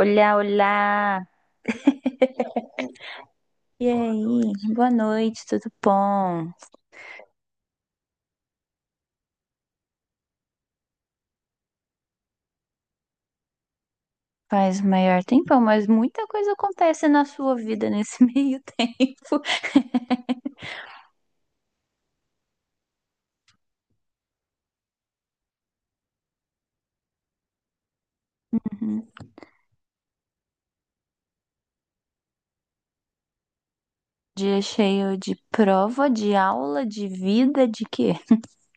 Olá, olá! E Boa aí? Noite. Boa noite, tudo bom? Faz o maior tempão, mas muita coisa acontece na sua vida nesse meio tempo. Uhum. Dia cheio de prova, de aula, de vida, de quê?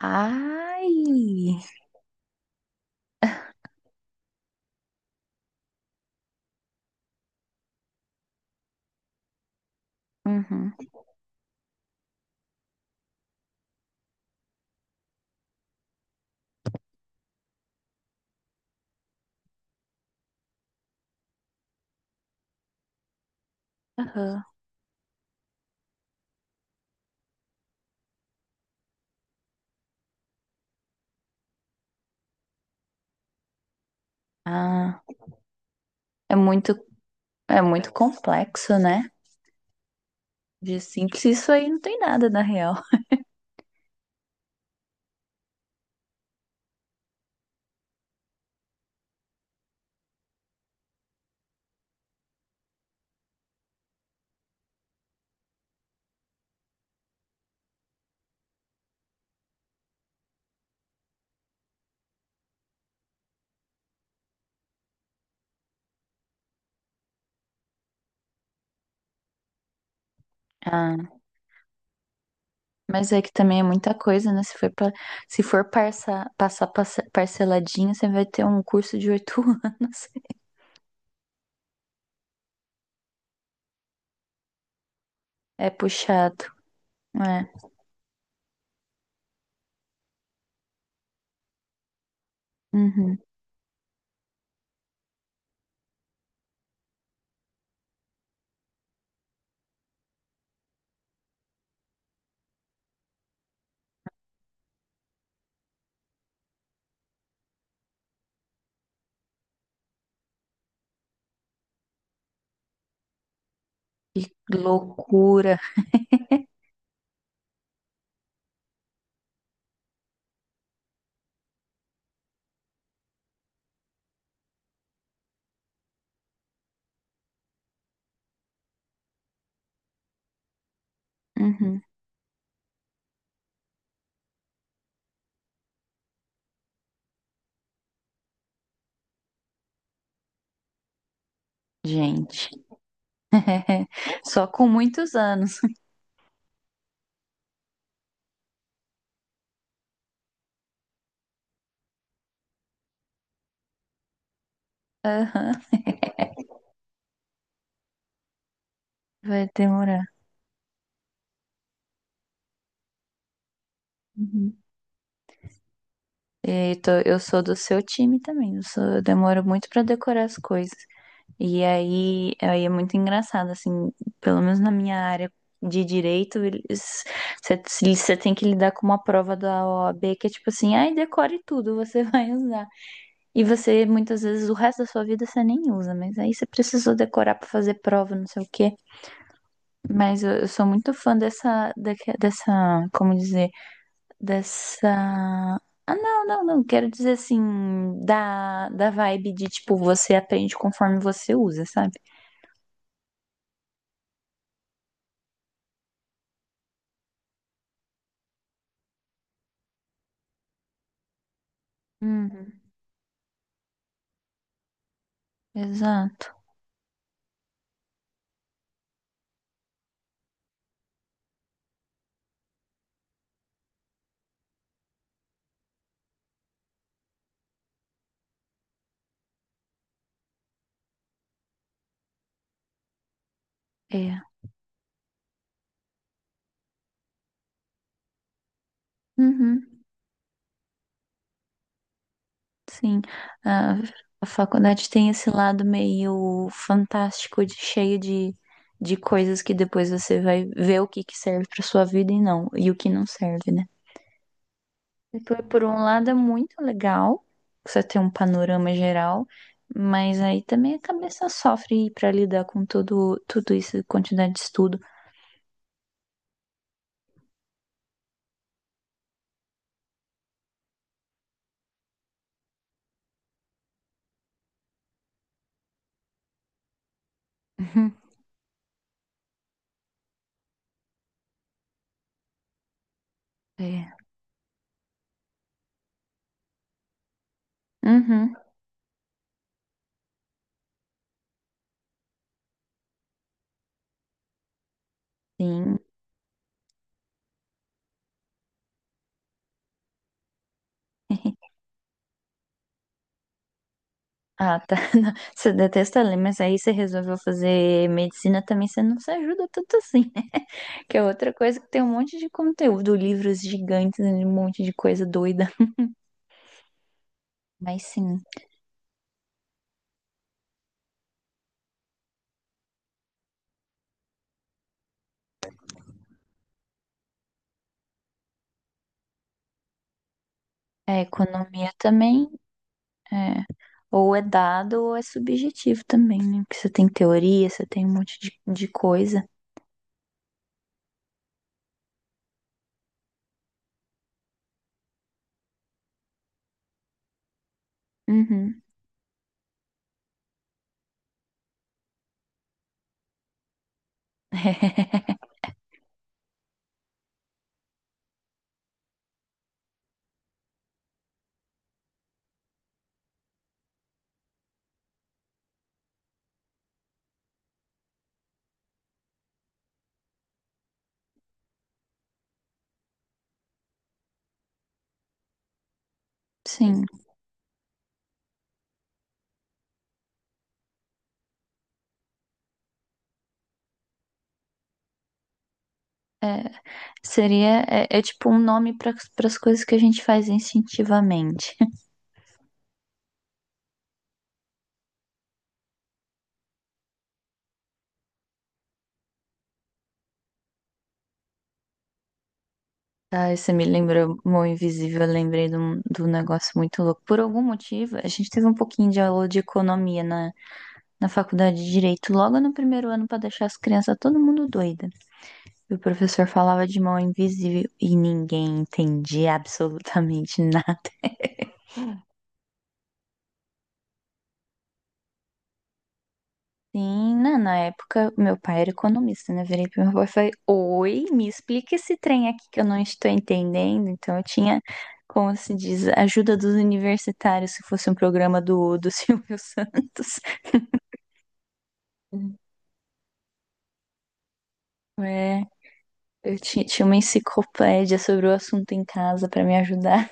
Ai! Uhum. Aham. Ah, é muito, é muito complexo, né? De simples, isso aí não tem nada na real. Ah. Mas é que também é muita coisa, né? Se for passar parceladinho, você vai ter um curso de 8 anos. É puxado. É. Uhum. Que loucura. Uhum. Gente. Só com muitos anos. Aham. Vai demorar. Uhum. Eu sou do seu time também. Eu demoro muito pra decorar as coisas. E aí, é muito engraçado, assim, pelo menos na minha área de Direito, você tem que lidar com uma prova da OAB que é tipo assim, ai, decore tudo, você vai usar. E você, muitas vezes, o resto da sua vida você nem usa, mas aí você precisou decorar pra fazer prova, não sei o quê. Mas eu sou muito fã dessa, dessa, como dizer, dessa. Ah, não, não, não. Quero dizer assim, da vibe de tipo, você aprende conforme você usa, sabe? Exato. É. Uhum, sim. A, a faculdade tem esse lado meio fantástico, de, cheio de coisas que depois você vai ver o que que serve para sua vida e não, e o que não serve, né? E por um lado é muito legal você ter um panorama geral, mas aí também a cabeça sofre para lidar com tudo, tudo isso, quantidade de estudo. Uhum, é. Uhum, sim. Ah, tá. Não, você detesta ler, mas aí você resolveu fazer medicina também, você não se ajuda tanto assim, né? Que é outra coisa que tem um monte de conteúdo, livros gigantes, né, um monte de coisa doida. Mas sim, a economia também é. Ou é dado ou é subjetivo também, né? Porque você tem teoria, você tem um monte de coisa. Uhum. Sim. É, seria, é tipo um nome para as coisas que a gente faz instintivamente. Ah, você me lembrou Mão Invisível, eu lembrei de um negócio muito louco. Por algum motivo, a gente teve um pouquinho de aula de economia na, faculdade de Direito, logo no primeiro ano, para deixar as crianças todo mundo doida. E o professor falava de mão invisível e ninguém entendia absolutamente nada. Sim, na época, meu pai era economista, né? Virei pro meu pai e falei, oi, me explica esse trem aqui que eu não estou entendendo. Então, eu tinha, como se diz, a ajuda dos universitários, se fosse um programa do Silvio Santos. É, eu tinha uma enciclopédia sobre o assunto em casa para me ajudar.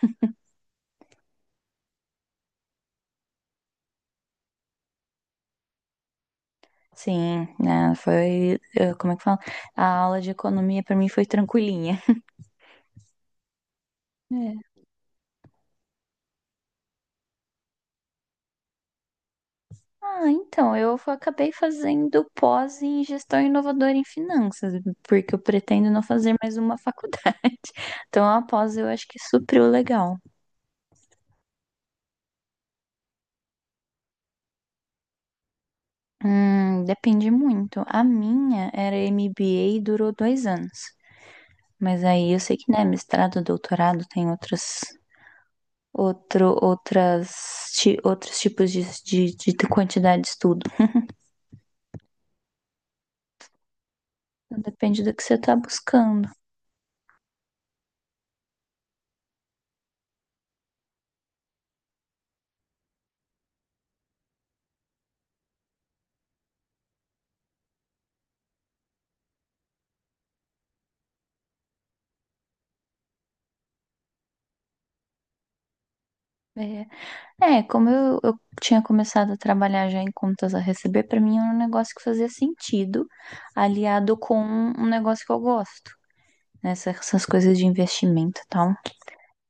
Sim, né? Foi, como é que fala? A aula de economia para mim foi tranquilinha. Ah, então, acabei fazendo pós em gestão inovadora em finanças, porque eu pretendo não fazer mais uma faculdade. Então, a pós eu acho que supriu legal. Depende muito. A minha era MBA e durou 2 anos. Mas aí eu sei que, né, mestrado, doutorado tem outras, outro, outras, ti- outros tipos de quantidade de estudo. Então, depende do que você está buscando. É. É, como eu tinha começado a trabalhar já em contas a receber, pra mim era um negócio que fazia sentido, aliado com um negócio que eu gosto, né? Essas coisas de investimento e tal.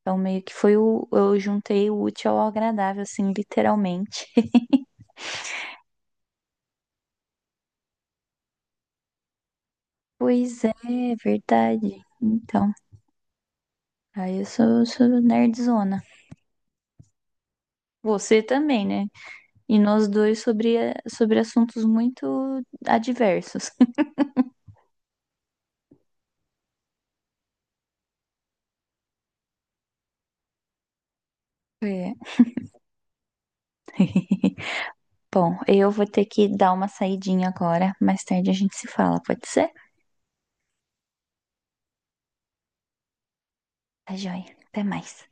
Então, meio que foi o. Eu juntei o útil ao agradável, assim, literalmente. Pois é, verdade. Então, aí eu sou nerdzona. Você também, né? E nós dois sobre assuntos muito adversos. É. Bom, eu vou ter que dar uma saidinha agora. Mais tarde a gente se fala, pode ser? Tá joia. Até mais.